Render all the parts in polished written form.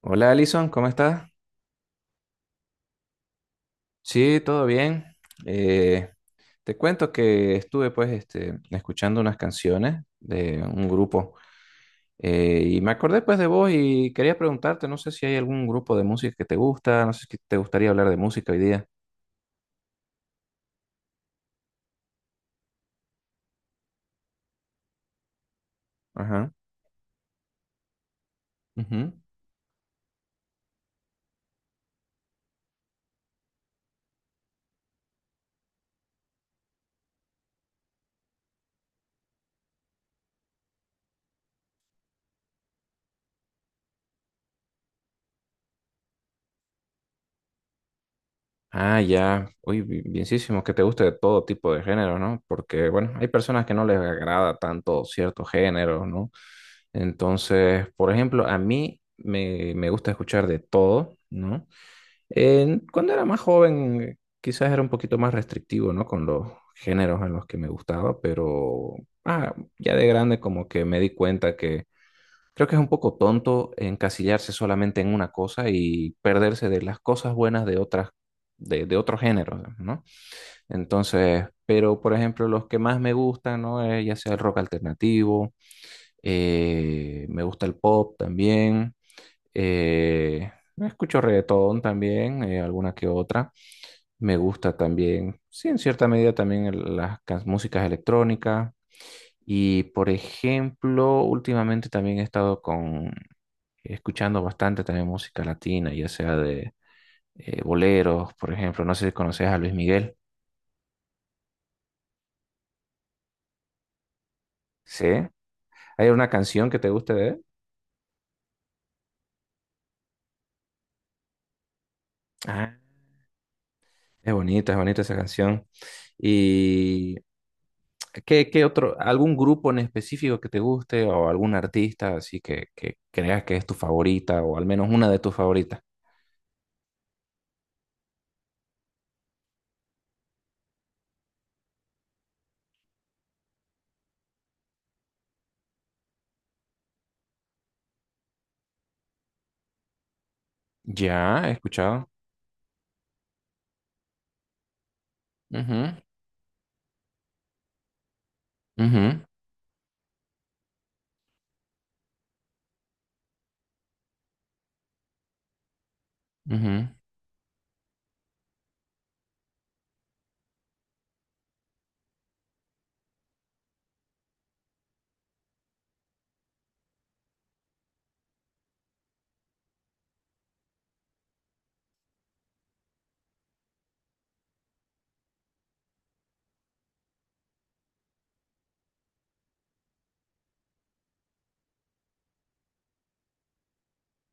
Hola Alison, ¿cómo estás? Sí, todo bien. Eh, Te cuento que estuve pues este, escuchando unas canciones de un grupo, y me acordé pues de vos y quería preguntarte, no sé si hay algún grupo de música que te gusta, no sé si te gustaría hablar de música hoy día. Ajá. Ujú. Ah, ya. Uy, bienísimo, que te guste de todo tipo de género, ¿no? Porque, bueno, hay personas que no les agrada tanto cierto género, ¿no? Entonces, por ejemplo, a mí me gusta escuchar de todo, ¿no? Cuando era más joven, quizás era un poquito más restrictivo, ¿no? Con los géneros en los que me gustaba, pero ah, ya de grande como que me di cuenta que creo que es un poco tonto encasillarse solamente en una cosa y perderse de las cosas buenas de otras, de otros géneros, ¿no? Entonces, pero por ejemplo, los que más me gustan, ¿no? Ya sea el rock alternativo, me gusta el pop también, eh, escucho reggaetón también, alguna que otra. Me gusta también, sí, en cierta medida también músicas electrónicas. Y por ejemplo, últimamente también he estado escuchando bastante también música latina, ya sea de boleros, por ejemplo. No sé si conoces a Luis Miguel. Sí. ¿Hay una canción que te guste de él? Ah, es bonita esa canción. ¿Y qué otro, algún grupo en específico que te guste o algún artista así que creas que es tu favorita o al menos una de tus favoritas? Ya, he escuchado. Ujú, ujú, ujú,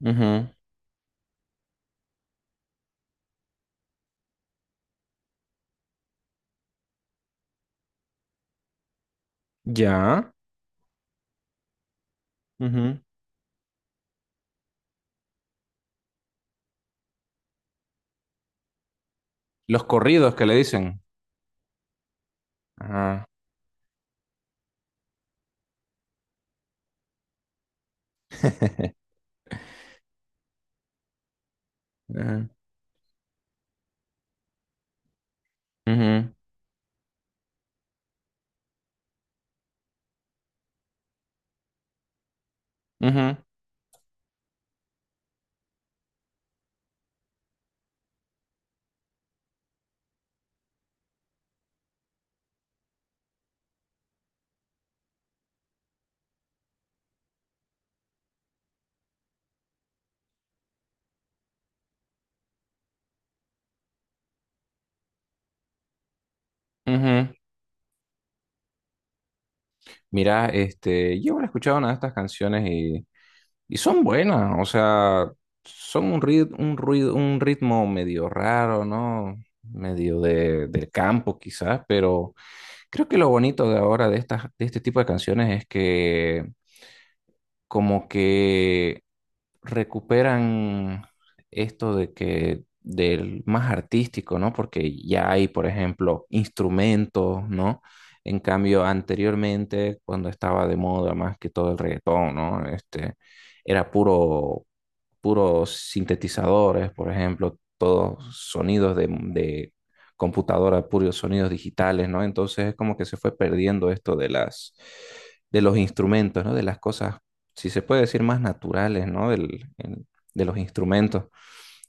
ujú. Ya. Ujú. Los corridos que le dicen. Ajá. Ajá. Ujú, ujú, ujú. Mira, este, yo no he escuchado una de estas canciones y son buenas, o sea, son un ruido, un ritmo medio raro, ¿no? Medio de, del campo quizás, pero creo que lo bonito de ahora de estas, de este tipo de canciones es que como que recuperan esto de que del más artístico, ¿no? Porque ya hay, por ejemplo, instrumentos, ¿no? En cambio, anteriormente, cuando estaba de moda más que todo el reggaetón, ¿no? Este, era puro, puros sintetizadores, por ejemplo, todos sonidos de computadora, puros sonidos digitales, ¿no? Entonces es como que se fue perdiendo esto de las, de los instrumentos, ¿no? De las cosas, si se puede decir, más naturales, ¿no? De los instrumentos.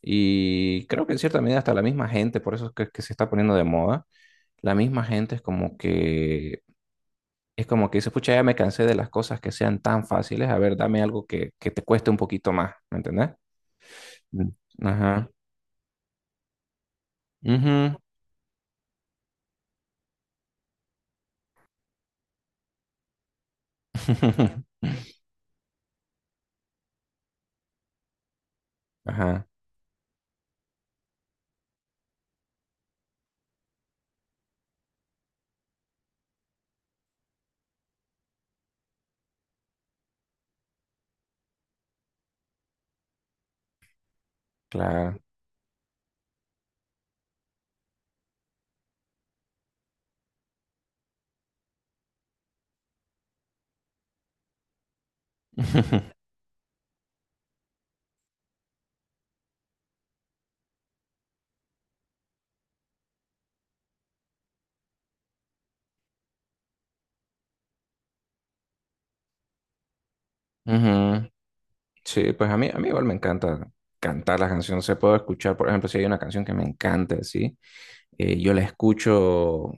Y creo que en cierta medida hasta la misma gente, por eso es que se está poniendo de moda, la misma gente es como que dice, pucha, ya me cansé de las cosas que sean tan fáciles, a ver, dame algo que te cueste un poquito más, ¿me entendés? Mm. Ajá. Ujú. Ajá, claro. Ujú. Sí, pues a mí igual me encanta cantar las canciones. Se puedo escuchar, por ejemplo, si hay una canción que me encanta, ¿sí? Yo la escucho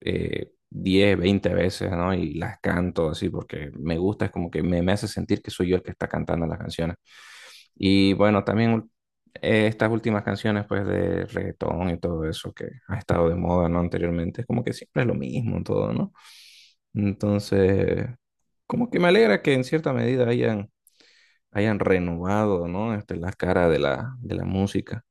10, 20 veces, ¿no? Y las canto así porque me gusta, es como que me hace sentir que soy yo el que está cantando las canciones. Y bueno, también estas últimas canciones pues de reggaetón y todo eso que ha estado de moda, ¿no? Anteriormente, es como que siempre es lo mismo en todo, ¿no? Entonces, como que me alegra que en cierta medida hayan, hayan renovado, ¿no? Este, la cara de la música.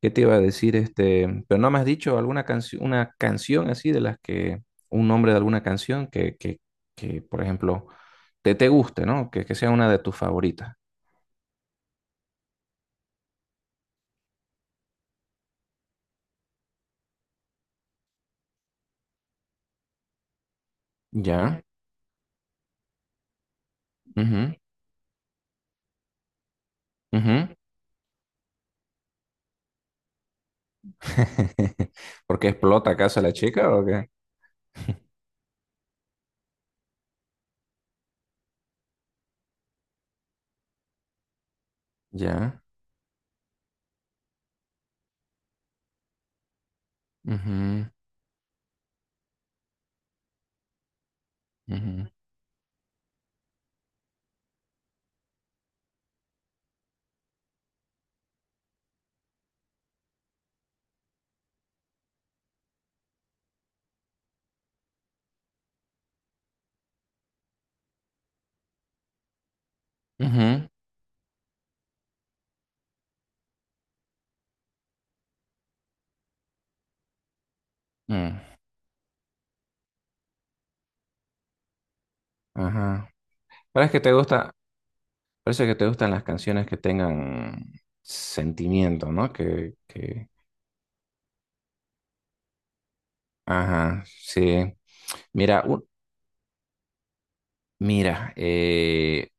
¿Qué te iba a decir? Este, pero no me has dicho alguna canción, una canción así de un nombre de alguna canción que, por ejemplo, te guste, ¿no? Que sea una de tus favoritas. Ya. Ujú, ujú. ¿Por qué explota acaso la chica o qué? Ya. Ujú, ujú, ujú, mm, Ajá. Parece que te gusta, parece que te gustan las canciones que tengan sentimiento, ¿no? Ajá, sí. Mira. Mira, eh,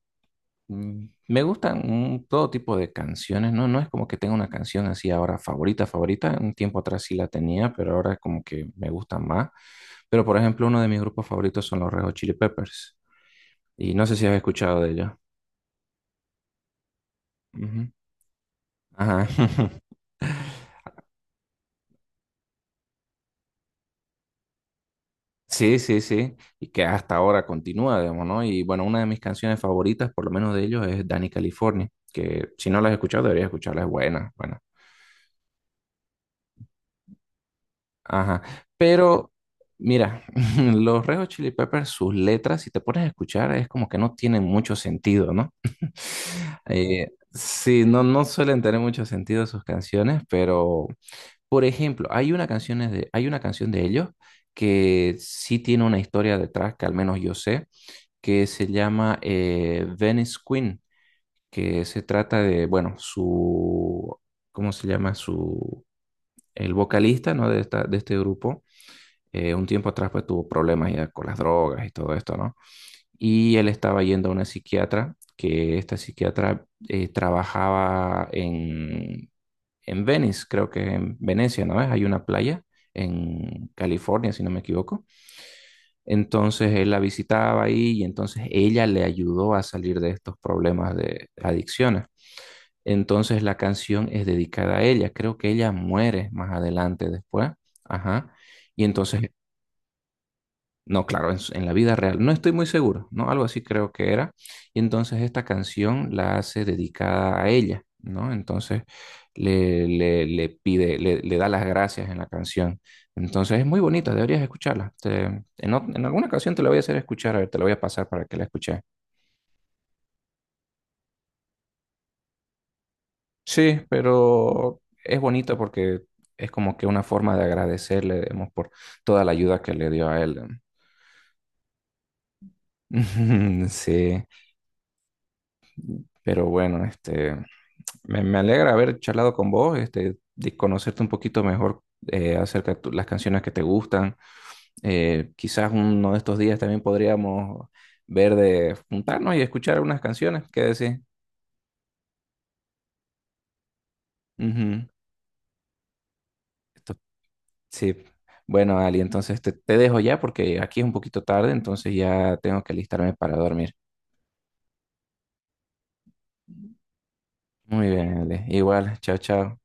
mm, me gustan todo tipo de canciones, ¿no? No es como que tenga una canción así ahora favorita, favorita. Un tiempo atrás sí la tenía, pero ahora es como que me gustan más. Pero, por ejemplo, uno de mis grupos favoritos son los Red Hot Chili Peppers. Y no sé si has escuchado de ellos. Ujú. Ajá. Sí, sí, sí. Y que hasta ahora continúa, digamos, ¿no? Y bueno, una de mis canciones favoritas, por lo menos de ellos, es Danny California, que si no la has escuchado, deberías escucharla, es buena, buena. Ajá. Pero, mira, los Red Hot Chili Peppers, sus letras, si te pones a escuchar, es como que no tienen mucho sentido, ¿no? Sí, no, no suelen tener mucho sentido sus canciones, pero, por ejemplo, hay una canción de, hay una canción de ellos que sí tiene una historia detrás, que al menos yo sé, que se llama Venice Queen, que se trata de, bueno, su, ¿cómo se llama? Su, el vocalista, ¿no? De esta, de este grupo un tiempo atrás pues tuvo problemas ya con las drogas y todo esto, ¿no? Y él estaba yendo a una psiquiatra, que esta psiquiatra trabajaba en Venice, creo que en Venecia, ¿no es? Hay una playa en California, si no me equivoco. Entonces él la visitaba ahí y entonces ella le ayudó a salir de estos problemas de adicciones. Entonces la canción es dedicada a ella. Creo que ella muere más adelante después. Ajá. Y entonces no, claro, en la vida real. No estoy muy seguro, ¿no? Algo así creo que era. Y entonces esta canción la hace dedicada a ella, ¿no? Entonces le pide, le da las gracias en la canción. Entonces es muy bonita, deberías escucharla. En alguna ocasión te la voy a hacer escuchar, a ver, te la voy a pasar para que la escuches. Sí, pero es bonito porque es como que una forma de agradecerle, digamos, por toda la ayuda que le dio a él. Sí, pero bueno, este... Me alegra haber charlado con vos, este, de conocerte un poquito mejor acerca de las canciones que te gustan. Quizás uno de estos días también podríamos ver de juntarnos y escuchar algunas canciones. ¿Qué decís? Ujú. Esto- Sí. Bueno, Ali, entonces te dejo ya porque aquí es un poquito tarde, entonces ya tengo que alistarme para dormir. Muy bien, Ale. Igual, chao, chao.